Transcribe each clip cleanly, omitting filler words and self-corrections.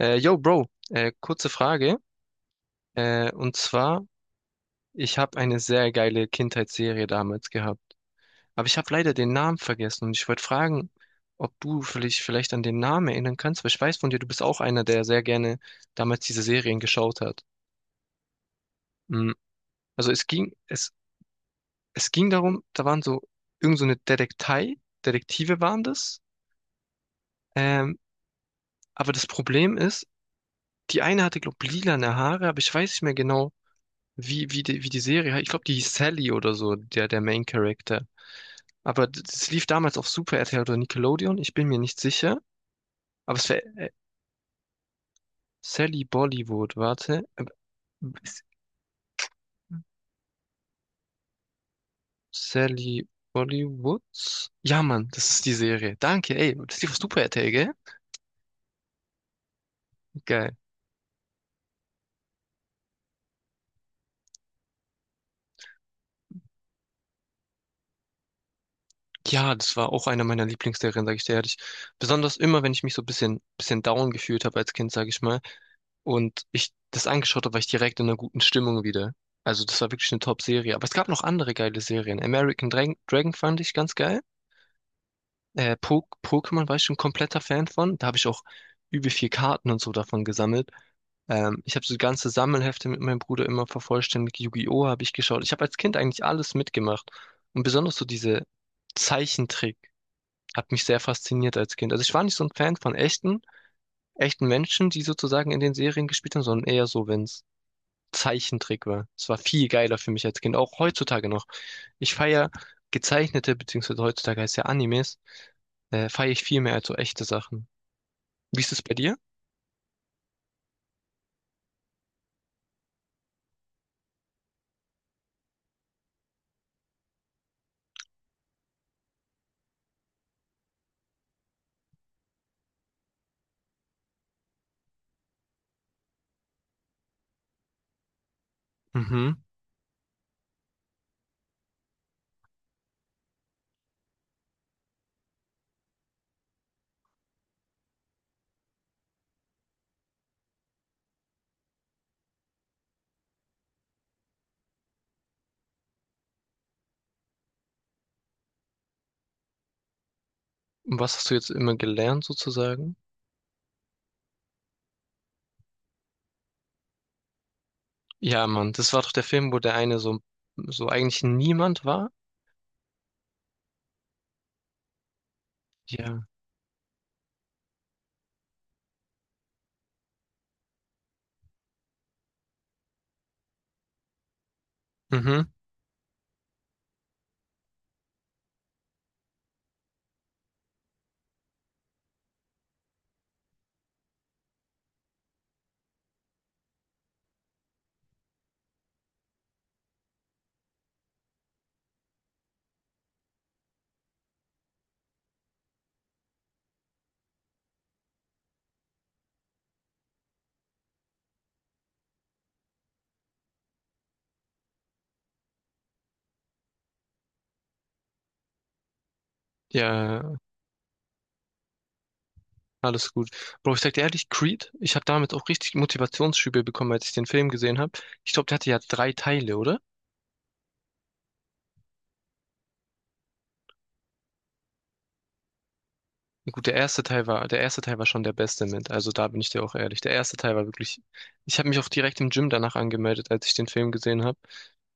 Yo, Bro, kurze Frage. Und zwar, ich habe eine sehr geile Kindheitsserie damals gehabt. Aber ich habe leider den Namen vergessen und ich wollte fragen, ob du vielleicht an den Namen erinnern kannst, weil ich weiß von dir, du bist auch einer, der sehr gerne damals diese Serien geschaut hat. Mm, Also es ging darum, da waren so irgend so eine Detektei, Detektive waren das. Ähm, aber das Problem ist, die eine hatte, glaube ich, lilane Haare, aber ich weiß nicht mehr genau, wie die Serie, ich glaube, die hieß Sally oder so, der, der Main Character. Aber das lief damals auf Super RTL oder Nickelodeon, ich bin mir nicht sicher. Aber es wäre Sally Bollywood, warte. Sally Bollywood? Ja, Mann, das ist die Serie. Danke, ey, das lief auf Super RTL, gell? Geil. Ja, das war auch einer meiner Lieblingsserien, sage ich dir ehrlich. Besonders immer, wenn ich mich so ein bisschen down gefühlt habe als Kind, sage ich mal, und ich das angeschaut habe, war ich direkt in einer guten Stimmung wieder. Also das war wirklich eine Top-Serie. Aber es gab noch andere geile Serien. American Dragon fand ich ganz geil. Po Pokémon war ich schon kompletter Fan von. Da habe ich auch übel viel Karten und so davon gesammelt. Ich habe so ganze Sammelhefte mit meinem Bruder immer vervollständigt. Yu-Gi-Oh! Habe ich geschaut. Ich habe als Kind eigentlich alles mitgemacht. Und besonders so diese Zeichentrick hat mich sehr fasziniert als Kind. Also ich war nicht so ein Fan von echten Menschen, die sozusagen in den Serien gespielt haben, sondern eher so, wenn's Zeichentrick war. Es war viel geiler für mich als Kind, auch heutzutage noch. Ich feiere gezeichnete, beziehungsweise heutzutage heißt ja Animes, feiere ich viel mehr als so echte Sachen. Wie ist es bei dir? Mhm. Und was hast du jetzt immer gelernt sozusagen? Ja, Mann, das war doch der Film, wo der eine so eigentlich niemand war. Ja. Mhm. Ja, alles gut. Bro, ich sag dir ehrlich, Creed, ich habe damit auch richtig Motivationsschübe bekommen, als ich den Film gesehen habe. Ich glaube, der hatte ja drei Teile, oder? Gut, der erste Teil war schon der beste mit. Also da bin ich dir auch ehrlich. Der erste Teil war wirklich. Ich habe mich auch direkt im Gym danach angemeldet, als ich den Film gesehen habe.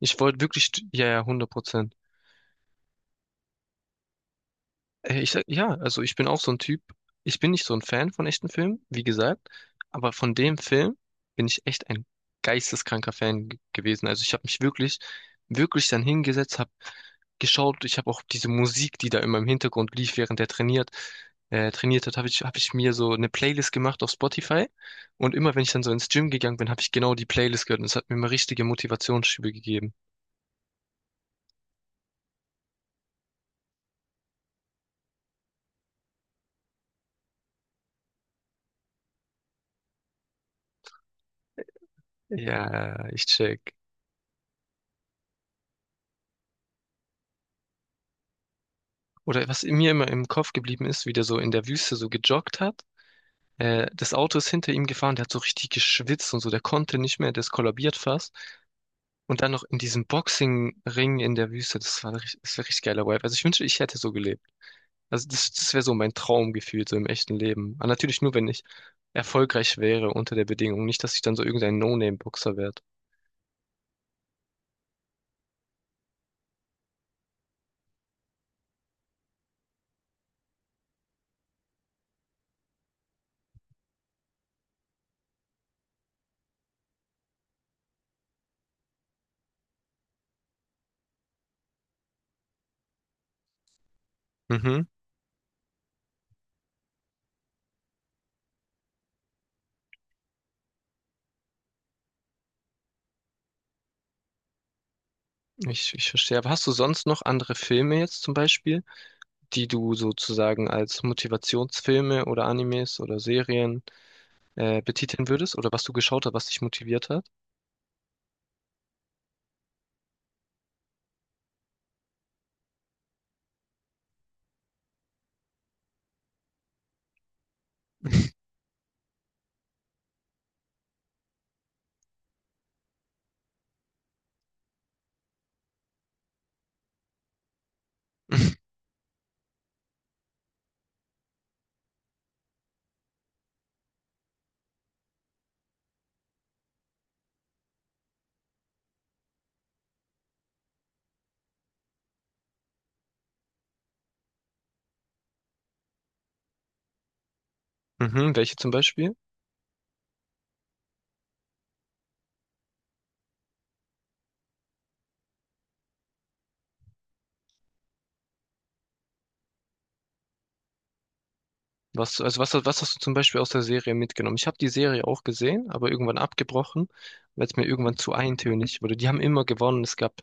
Ich wollte wirklich, ja, ja, 100%. Ich sag, ja, also ich bin auch so ein Typ. Ich bin nicht so ein Fan von echten Filmen, wie gesagt, aber von dem Film bin ich echt ein geisteskranker Fan gewesen. Also ich habe mich wirklich, wirklich dann hingesetzt, habe geschaut. Ich habe auch diese Musik, die da immer im Hintergrund lief, während er trainiert hat, habe ich mir so eine Playlist gemacht auf Spotify. Und immer wenn ich dann so ins Gym gegangen bin, habe ich genau die Playlist gehört. Und es hat mir immer richtige Motivationsschübe gegeben. Ja, ich check. Oder was mir immer im Kopf geblieben ist, wie der so in der Wüste so gejoggt hat. Das Auto ist hinter ihm gefahren, der hat so richtig geschwitzt und so, der konnte nicht mehr, der ist kollabiert fast. Und dann noch in diesem Boxing-Ring in der Wüste, das war richtig geiler Vibe. Also ich wünschte, ich hätte so gelebt. Also das wäre so mein Traumgefühl, so im echten Leben. Aber natürlich nur, wenn ich erfolgreich wäre unter der Bedingung. Nicht, dass ich dann so irgendein No-Name-Boxer werde. Mhm, ich verstehe. Aber hast du sonst noch andere Filme jetzt zum Beispiel, die du sozusagen als Motivationsfilme oder Animes oder Serien betiteln würdest oder was du geschaut hast, was dich motiviert hat? Mhm, welche zum Beispiel? Was hast du zum Beispiel aus der Serie mitgenommen? Ich habe die Serie auch gesehen, aber irgendwann abgebrochen, weil es mir irgendwann zu eintönig wurde. Die haben immer gewonnen. Es gab,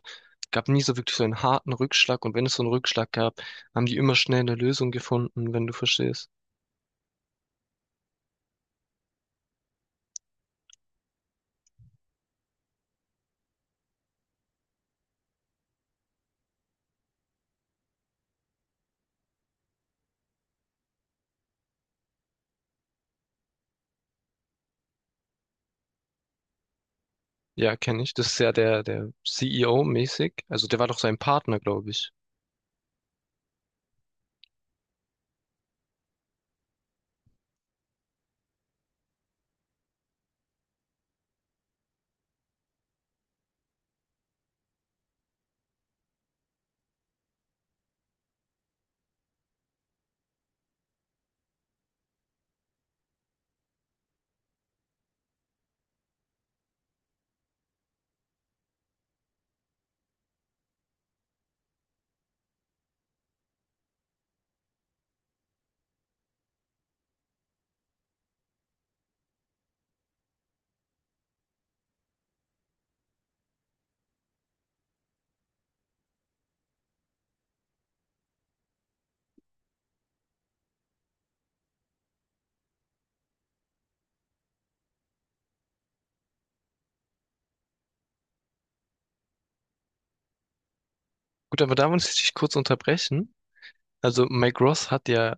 gab nie so wirklich so einen harten Rückschlag. Und wenn es so einen Rückschlag gab, haben die immer schnell eine Lösung gefunden, wenn du verstehst. Ja, kenne ich. Das ist ja der CEO-mäßig. Also der war doch sein Partner, glaube ich. Gut, aber da muss ich dich kurz unterbrechen. Also Mike Ross hat ja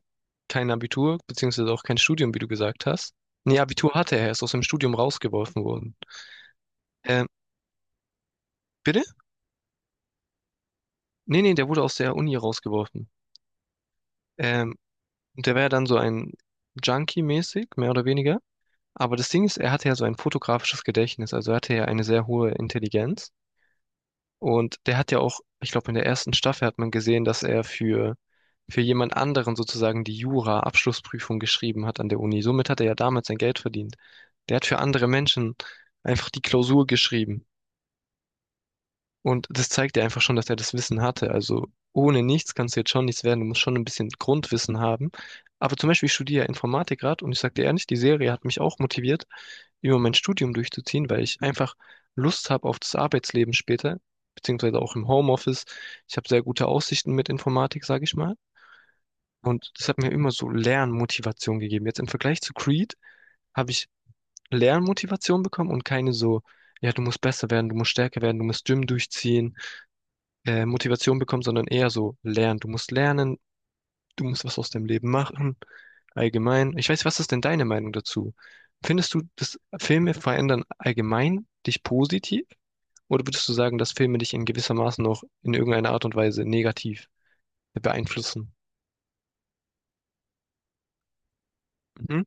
kein Abitur, beziehungsweise auch kein Studium, wie du gesagt hast. Nee, Abitur hatte er, er ist aus dem Studium rausgeworfen worden. Ähm, bitte? Nee, nee, der wurde aus der Uni rausgeworfen. Ähm, und der war ja dann so ein Junkie-mäßig, mehr oder weniger. Aber das Ding ist, er hatte ja so ein fotografisches Gedächtnis, also er hatte ja eine sehr hohe Intelligenz. Und der hat ja auch, ich glaube, in der ersten Staffel hat man gesehen, dass er für jemand anderen sozusagen die Jura-Abschlussprüfung geschrieben hat an der Uni. Somit hat er ja damals sein Geld verdient. Der hat für andere Menschen einfach die Klausur geschrieben. Und das zeigt ja einfach schon, dass er das Wissen hatte. Also ohne nichts kannst du jetzt schon nichts werden. Du musst schon ein bisschen Grundwissen haben. Aber zum Beispiel, ich studiere ja Informatik gerade und ich sage dir ehrlich, die Serie hat mich auch motiviert, über mein Studium durchzuziehen, weil ich einfach Lust habe auf das Arbeitsleben später, beziehungsweise auch im Homeoffice. Ich habe sehr gute Aussichten mit Informatik, sage ich mal. Und das hat mir immer so Lernmotivation gegeben. Jetzt im Vergleich zu Creed habe ich Lernmotivation bekommen und keine so, ja, du musst besser werden, du musst stärker werden, du musst Gym durchziehen Motivation bekommen, sondern eher so lernen. Du musst lernen, du musst was aus deinem Leben machen, allgemein. Ich weiß, was ist denn deine Meinung dazu? Findest du, dass Filme verändern allgemein dich positiv? Oder würdest du sagen, dass Filme dich in gewisser Maßen noch in irgendeiner Art und Weise negativ beeinflussen? Mhm.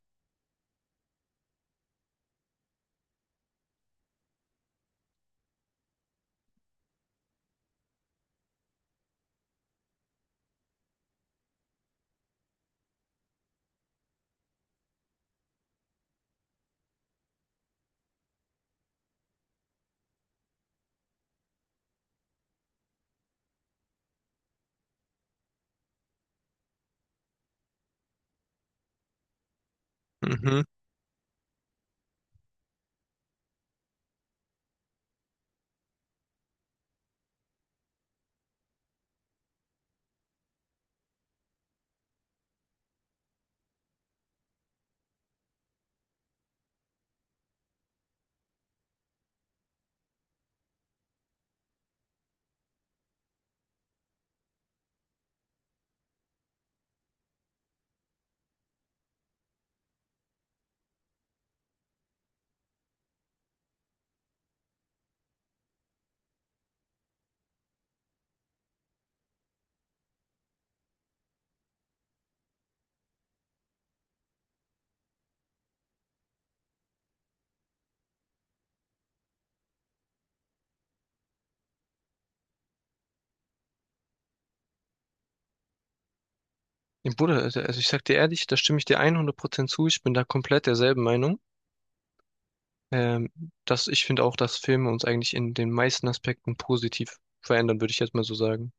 Mhm. Ja, Bruder, also ich sag dir ehrlich, da stimme ich dir 100% zu. Ich bin da komplett derselben Meinung. Ähm, dass ich finde auch, dass Filme uns eigentlich in den meisten Aspekten positiv verändern, würde ich jetzt mal so sagen.